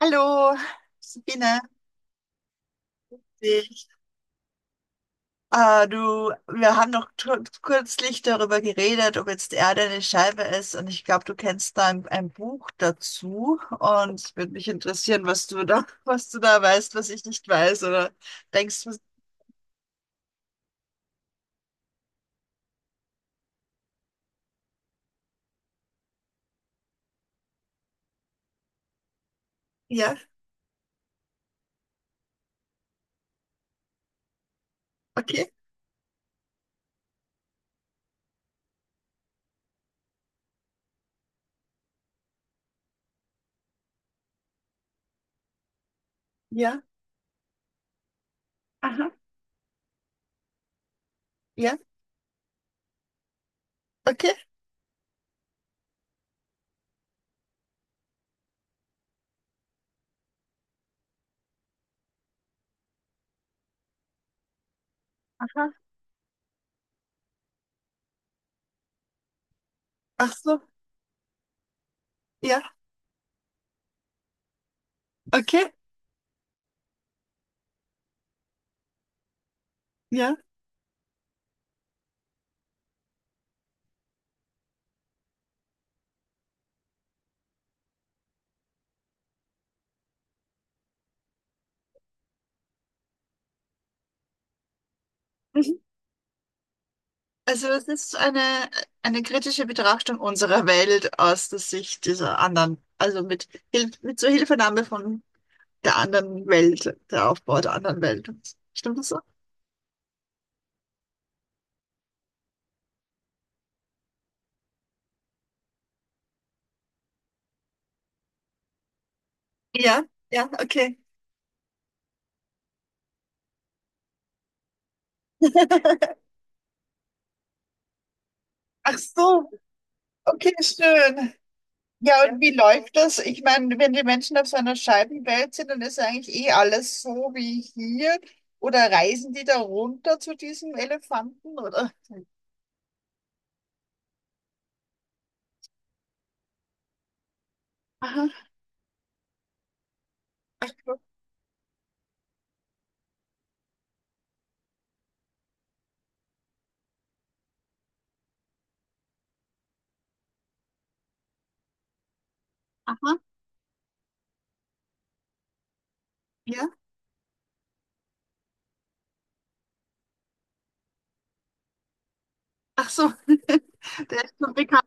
Hallo, Sabine. Ich, du, wir haben kürzlich darüber geredet, ob jetzt die Erde eine Scheibe ist. Und ich glaube, du kennst da ein Buch dazu. Und es würde mich interessieren, was du da, was du da weißt, was ich nicht weiß. Oder denkst du, ja, okay, ja, aha, ja, okay, aha, ach so, ja, okay, ja. Also es ist eine kritische Betrachtung unserer Welt aus der Sicht dieser anderen, also Hilf mit zur Hilfenahme von der anderen Welt, der Aufbau der anderen Welt. Stimmt das so? Ja, ja, okay. Ach so, okay, schön. Ja, ja, und wie läuft das? Ich meine, wenn die Menschen auf so einer Scheibenwelt sind, dann ist eigentlich eh alles so wie hier. Oder reisen die da runter zu diesem Elefanten? Oder? Aha, ach so, aha, ja. Ach so, der ist schon bekannt.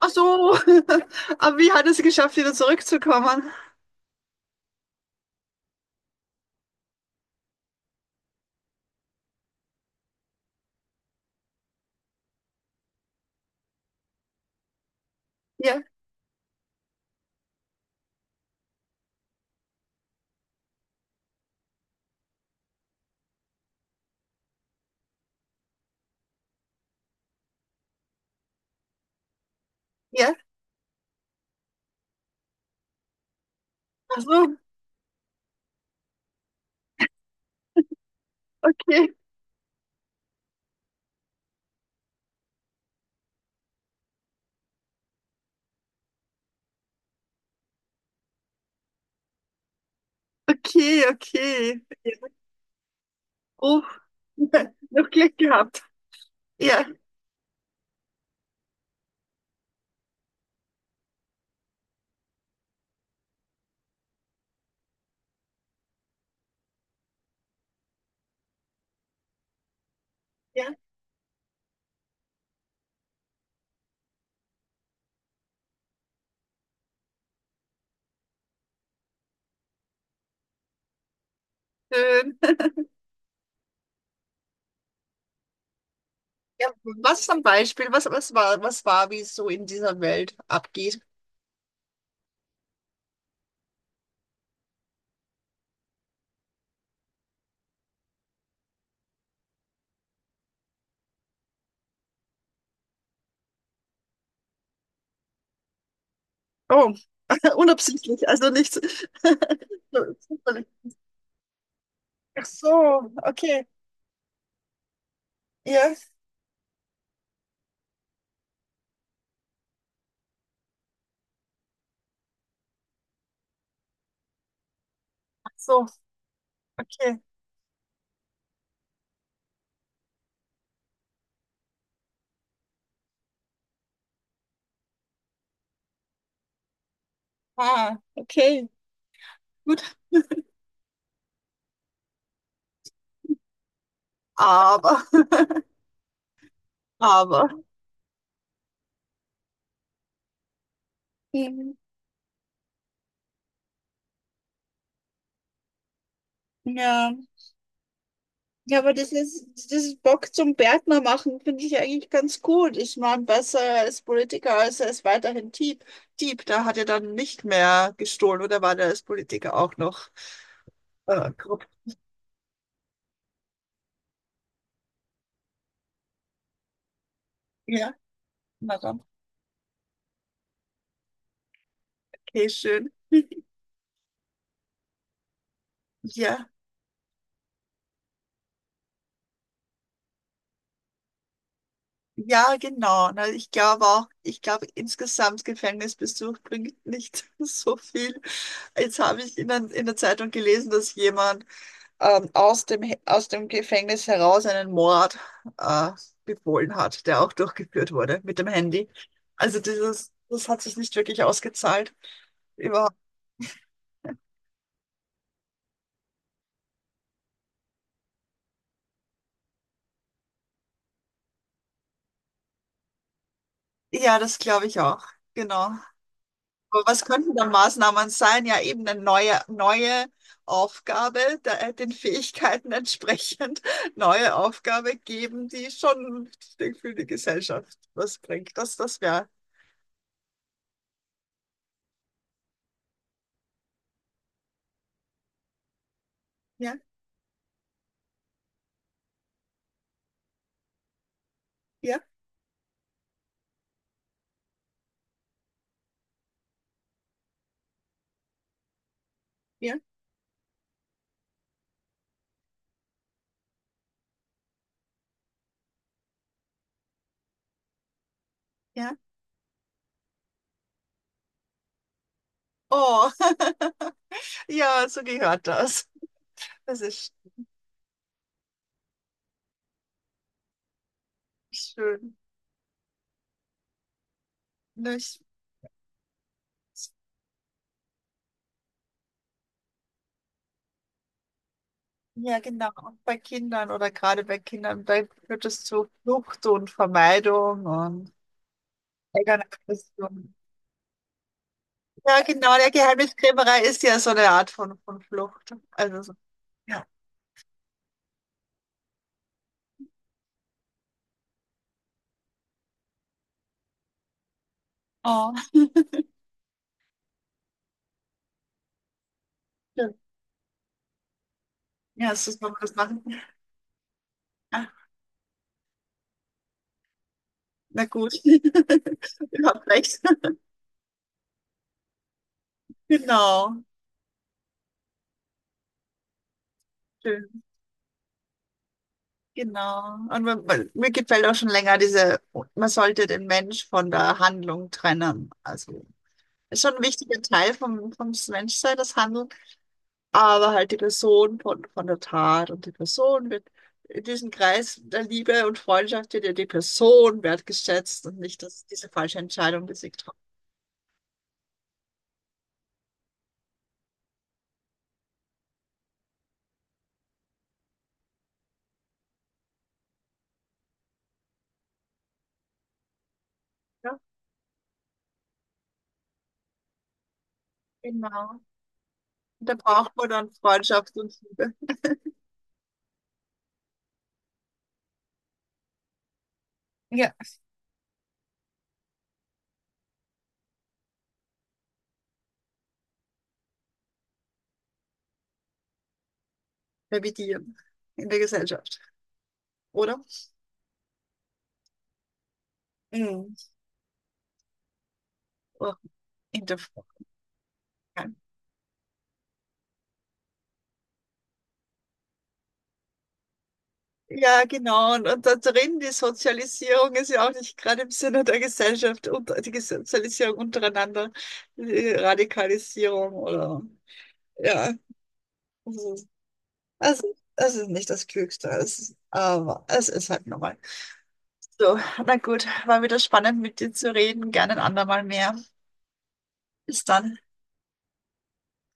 Ach so, aber wie hat es geschafft, wieder zurückzukommen? Ja, ja, ach so, okay, okay, okay. Oh, noch Glück gehabt. Ja, ja, schön. Ja, was ist ein Beispiel? Wie es so in dieser Welt abgeht? Oh, unabsichtlich, also nichts. So, zufällig. Ach so, okay, ja, ach so, okay. Ah, okay, gut. Aber, aber. Mhm. Ja. Ja, aber das ist, dieses Bock zum Gärtner machen finde ich eigentlich ganz gut. Ich meine, besser als Politiker als er ist weiterhin Dieb. Dieb, da hat er dann nicht mehr gestohlen oder war der als Politiker auch noch grob? Ja, na dann. Okay, schön. Ja, ja, genau. Na, ich glaube auch, ich glaube insgesamt Gefängnisbesuch bringt nicht so viel. Jetzt habe ich in der Zeitung gelesen, dass jemand aus dem Gefängnis heraus einen Mord äh, befohlen hat, der auch durchgeführt wurde mit dem Handy. Also dieses, das hat sich nicht wirklich ausgezahlt. Überhaupt. Ja, das glaube ich auch. Genau. Aber was könnten dann Maßnahmen sein? Ja, eben eine neue Aufgabe, der, den Fähigkeiten entsprechend neue Aufgabe geben, die schon für die Gesellschaft was bringt. Das, das wäre. Ja, ja, ja, ja. Oh. Ja, so gehört das. Das ist schön. Ne, ich, ja, genau. Und bei Kindern oder gerade bei Kindern, da führt es zu Flucht und Vermeidung und Eigenaggression. Ja, genau. Der Geheimniskrämerei ist ja so eine Art von Flucht. Also, so, ja. Oh, schön. Ja, so soll man das machen. Ah, na gut. Überhaupt recht. Genau. Schön. Genau. Und mir gefällt auch schon länger diese, man sollte den Mensch von der Handlung trennen. Also ist schon ein wichtiger Teil vom Menschsein, das Handeln, aber halt die Person von der Tat und die Person wird in diesem Kreis der Liebe und Freundschaft wird ja die Person wertgeschätzt und nicht das, diese falsche Entscheidung, die sie getroffen hat. Ja, genau. Und da braucht man dann Freundschaft und Liebe. Ja. Revidieren in der Gesellschaft, oder? Mhm. Oder in der Freundschaft. Ja, genau. Und da drin, die Sozialisierung ist ja auch nicht gerade im Sinne der Gesellschaft, und die Sozialisierung untereinander, die Radikalisierung oder ja. Also, also, das ist nicht das Klügste. Es ist, aber es ist halt normal. So, na gut, war wieder spannend mit dir zu reden. Gerne ein andermal mehr. Bis dann.